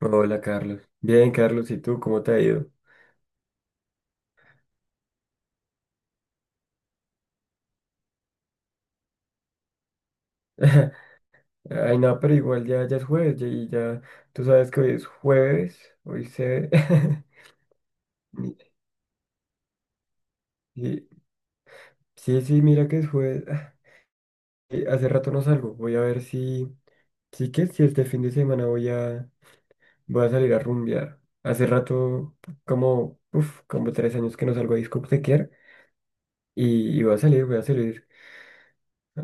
Hola Carlos. Bien, Carlos, ¿y tú cómo te ha ido? Ay, no, pero igual ya, ya es jueves tú sabes que hoy es jueves, hoy se. Y- y- sí, sí, mira que es jueves. Y hace rato no salgo, voy a ver si. Sí que si este fin de semana voy a salir a rumbear. Hace rato, uf, como 3 años que no salgo a discotequear y voy a salir, voy a salir.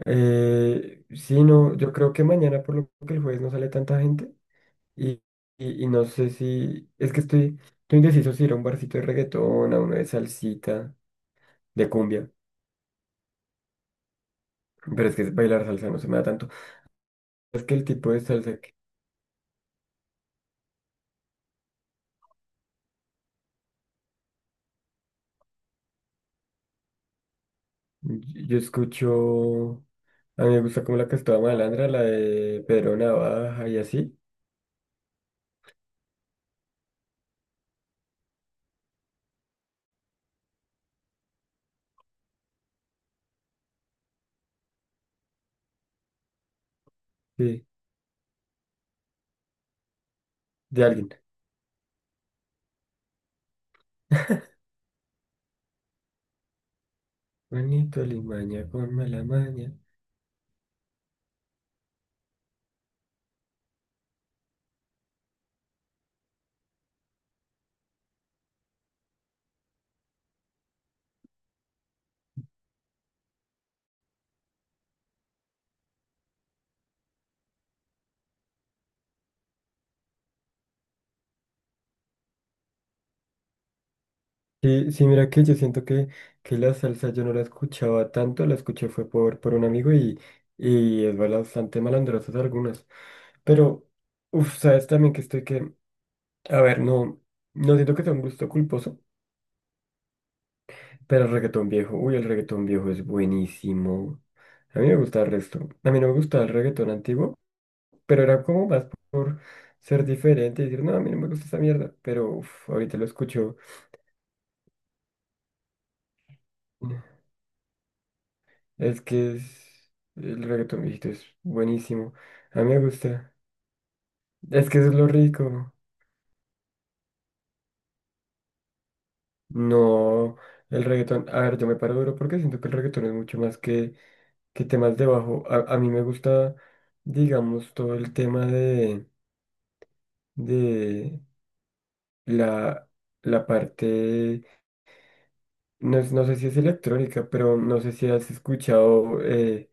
Sí, no, yo creo que mañana, por lo que el jueves no sale tanta gente. Y, y no sé si, es que estoy indeciso si ir a un barcito de reggaetón, a uno de salsita, de cumbia, pero es que bailar salsa no se me da tanto. Es que el tipo de salsa que yo escucho, a mí me gusta como la que estaba malandra, la de Pedro Navaja y así, sí, de alguien. Juanito Limaña con mala maña. Sí, sí, mira que yo siento que, la salsa yo no la escuchaba tanto, la escuché fue por, un amigo y es bastante malandrosas algunas. Pero, uff, sabes también que estoy que, a ver, no, no siento que sea un gusto culposo, pero el reggaetón viejo, uy, el reggaetón viejo es buenísimo. A mí me gusta el resto. A mí no me gustaba el reggaetón antiguo, pero era como más por ser diferente y decir, no, a mí no me gusta esa mierda, pero uff, ahorita lo escucho. Es que es, el reggaetón viejito es buenísimo. A mí me gusta. Es que eso es lo rico. No, el reggaetón. A ver, yo me paro duro porque siento que el reggaetón es mucho más que, temas de bajo. A mí me gusta, digamos, todo el tema de la, la parte. No, no sé si es electrónica, pero no sé si has escuchado. Eh,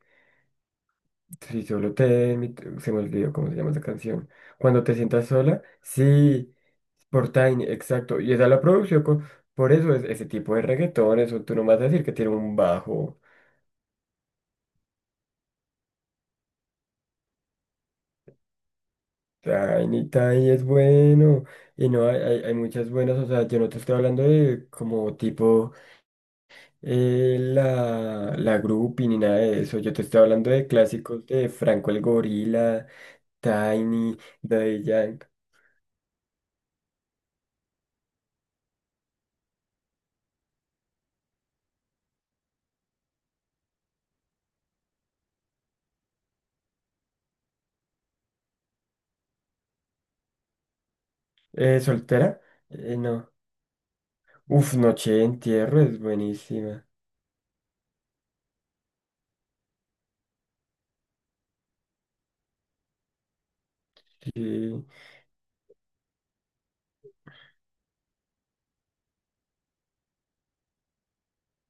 si solo te. Se me olvidó cómo se llama esa canción. Cuando te sientas sola. Sí. Por Tiny, exacto. Y esa la producción co-. Por eso es ese tipo de reggaetón, eso tú no vas a decir que tiene un bajo. Tiny, Tiny es bueno. Y no, hay muchas buenas. O sea, yo no te estoy hablando de como tipo la groupie ni nada de eso. Yo te estoy hablando de clásicos de Franco el Gorila, Tiny, Daddy Yankee. ¿Soltera? No. Uf, Noche de Entierro es buenísima. Sí.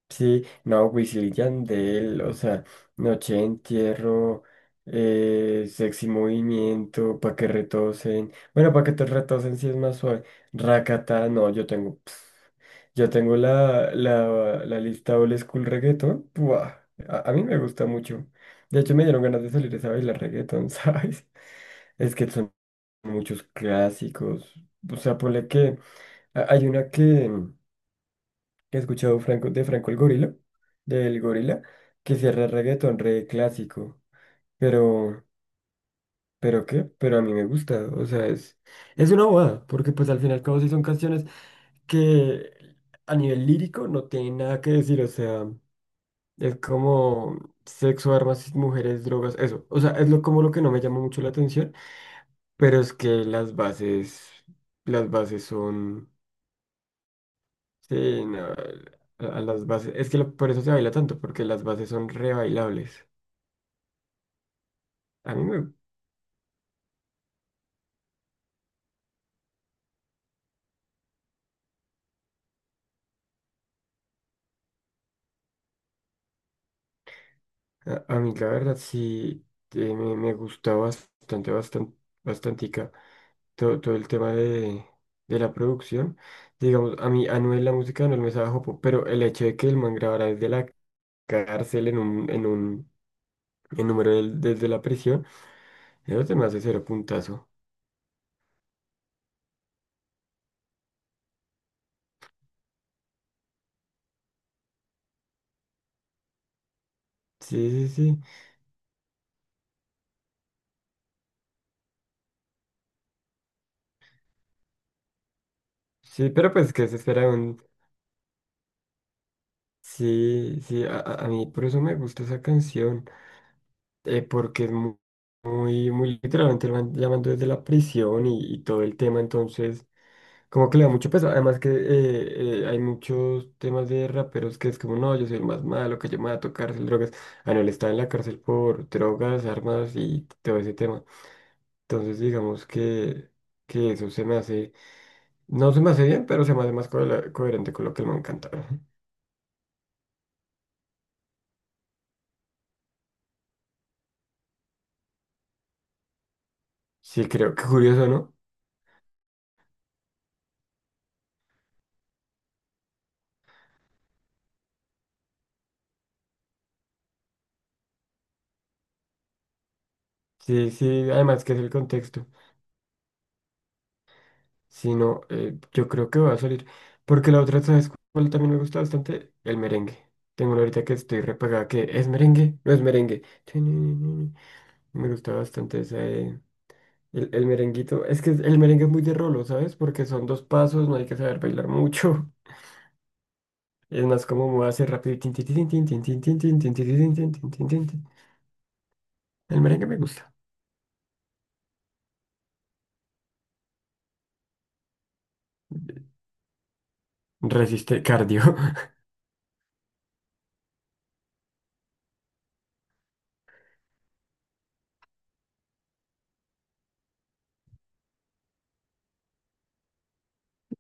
Sí, no, Wisin y Yandel, o sea, Noche de Entierro, Sexy Movimiento, Pa' que retosen. Bueno, Pa' que te retosen si es más suave. Rakata, no, yo tengo. Yo tengo la lista Old School Reggaeton. A mí me gusta mucho. De hecho, me dieron ganas de salir esa bailar reggaeton, ¿sabes? Es que son muchos clásicos. O sea, ponle que hay una que he escuchado Franco, de Franco el Gorila, del Gorila, que cierra reggaetón re clásico. Pero, ¿Pero qué? Pero a mí me gusta, o sea, es una bobada, porque pues al final y al cabo sí son canciones que a nivel lírico no tienen nada que decir, o sea, es como sexo, armas, mujeres, drogas, eso. O sea, es lo, como lo que no me llama mucho la atención, pero es que las bases son. Sí, no, a las bases. Es que por eso se baila tanto, porque las bases son re bailables. A mí, me- a mí la verdad sí me gusta bastante, bastante, bastantica todo el tema de la producción. Digamos, a mí Anuel, la música no me sabe a jopo, pero el hecho de que el man grabara desde la cárcel en un, en un, en número del- desde la prisión, eso se me hace cero puntazo. Sí, sí, sí. Sí, pero pues que se espera de un. Sí, sí, a mí por eso me gusta esa canción, porque es muy, muy, literalmente lo van llamando desde la prisión y todo el tema, entonces como que le da mucho peso, además que hay muchos temas de raperos que es como, no, yo soy el más malo, que yo me voy a tocar cárcel, drogas, ah, no, él está en la cárcel por drogas, armas y todo ese tema, entonces digamos que, eso se me hace, no se me hace bien, pero se me hace más coherente con lo que el man canta. Sí, creo que curioso, ¿no? Sí, sí, además que es el contexto. Si no, yo creo que va a salir. Porque la otra, ¿sabes cuál también me gusta bastante? El merengue. Tengo una ahorita que estoy repagada que es merengue, no es merengue. Tininininini. Me gusta bastante esa, el merenguito. Es que el merengue es muy de rolo, ¿sabes? Porque son dos pasos, no hay que saber bailar mucho. Es más como moverse rápido. Y tin, tin, tin, tin, tin, tin, tin, tin, tin, tin, tin, tin, tin, tin, tin, tin. El merengue me gusta. Resiste cardio,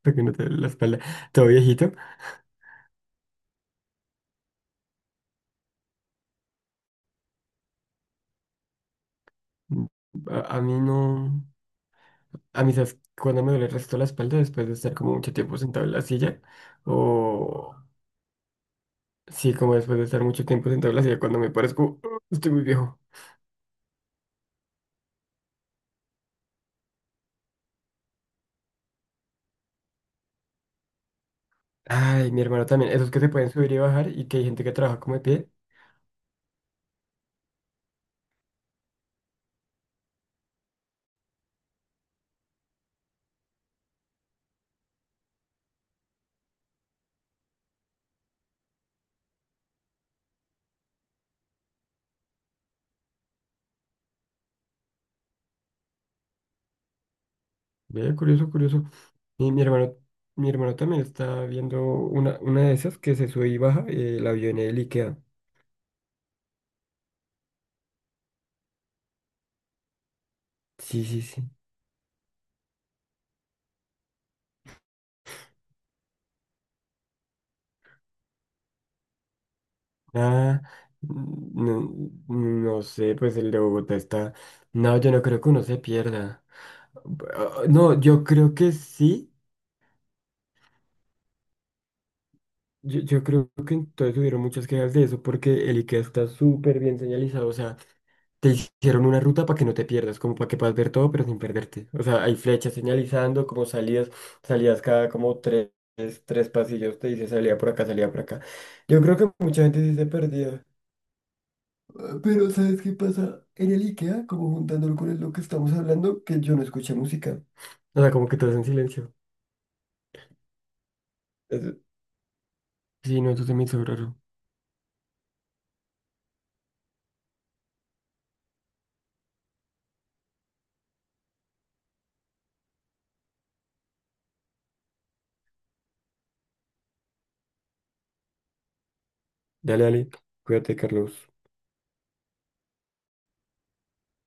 para que no te duele la espalda. Todo viejito. Mm, a mí no, a mí sabes cuando me duele el resto de la espalda después de estar como mucho tiempo sentado en la silla o sí, como después de estar mucho tiempo sentado en la silla cuando me parezco, estoy muy viejo. Ay, mi hermano también, esos que se pueden subir y bajar y que hay gente que trabaja como de pie. Ve, curioso, curioso. Y mi hermano también está viendo una, de esas que se sube y baja, la vio en el IKEA. Sí, sí, sí. Ah, no, no sé, pues el de Bogotá está. No, yo no creo que uno se pierda. Ah, no, yo creo que sí. Yo creo que entonces hubieron muchas quejas de eso porque el IKEA está súper bien señalizado. O sea, te hicieron una ruta para que no te pierdas, como para que puedas ver todo, pero sin perderte. O sea, hay flechas señalizando, como salidas, salidas cada como tres pasillos, te dice salida por acá, salida por acá. Yo creo que mucha gente sí se perdió. Pero ¿sabes qué pasa? En el IKEA, como juntándolo con lo que estamos hablando, que yo no escuché música. O sea, como que estás en silencio. Es- Sí, no, eso se me hizo raro. Dale, dale. Cuídate, Carlos.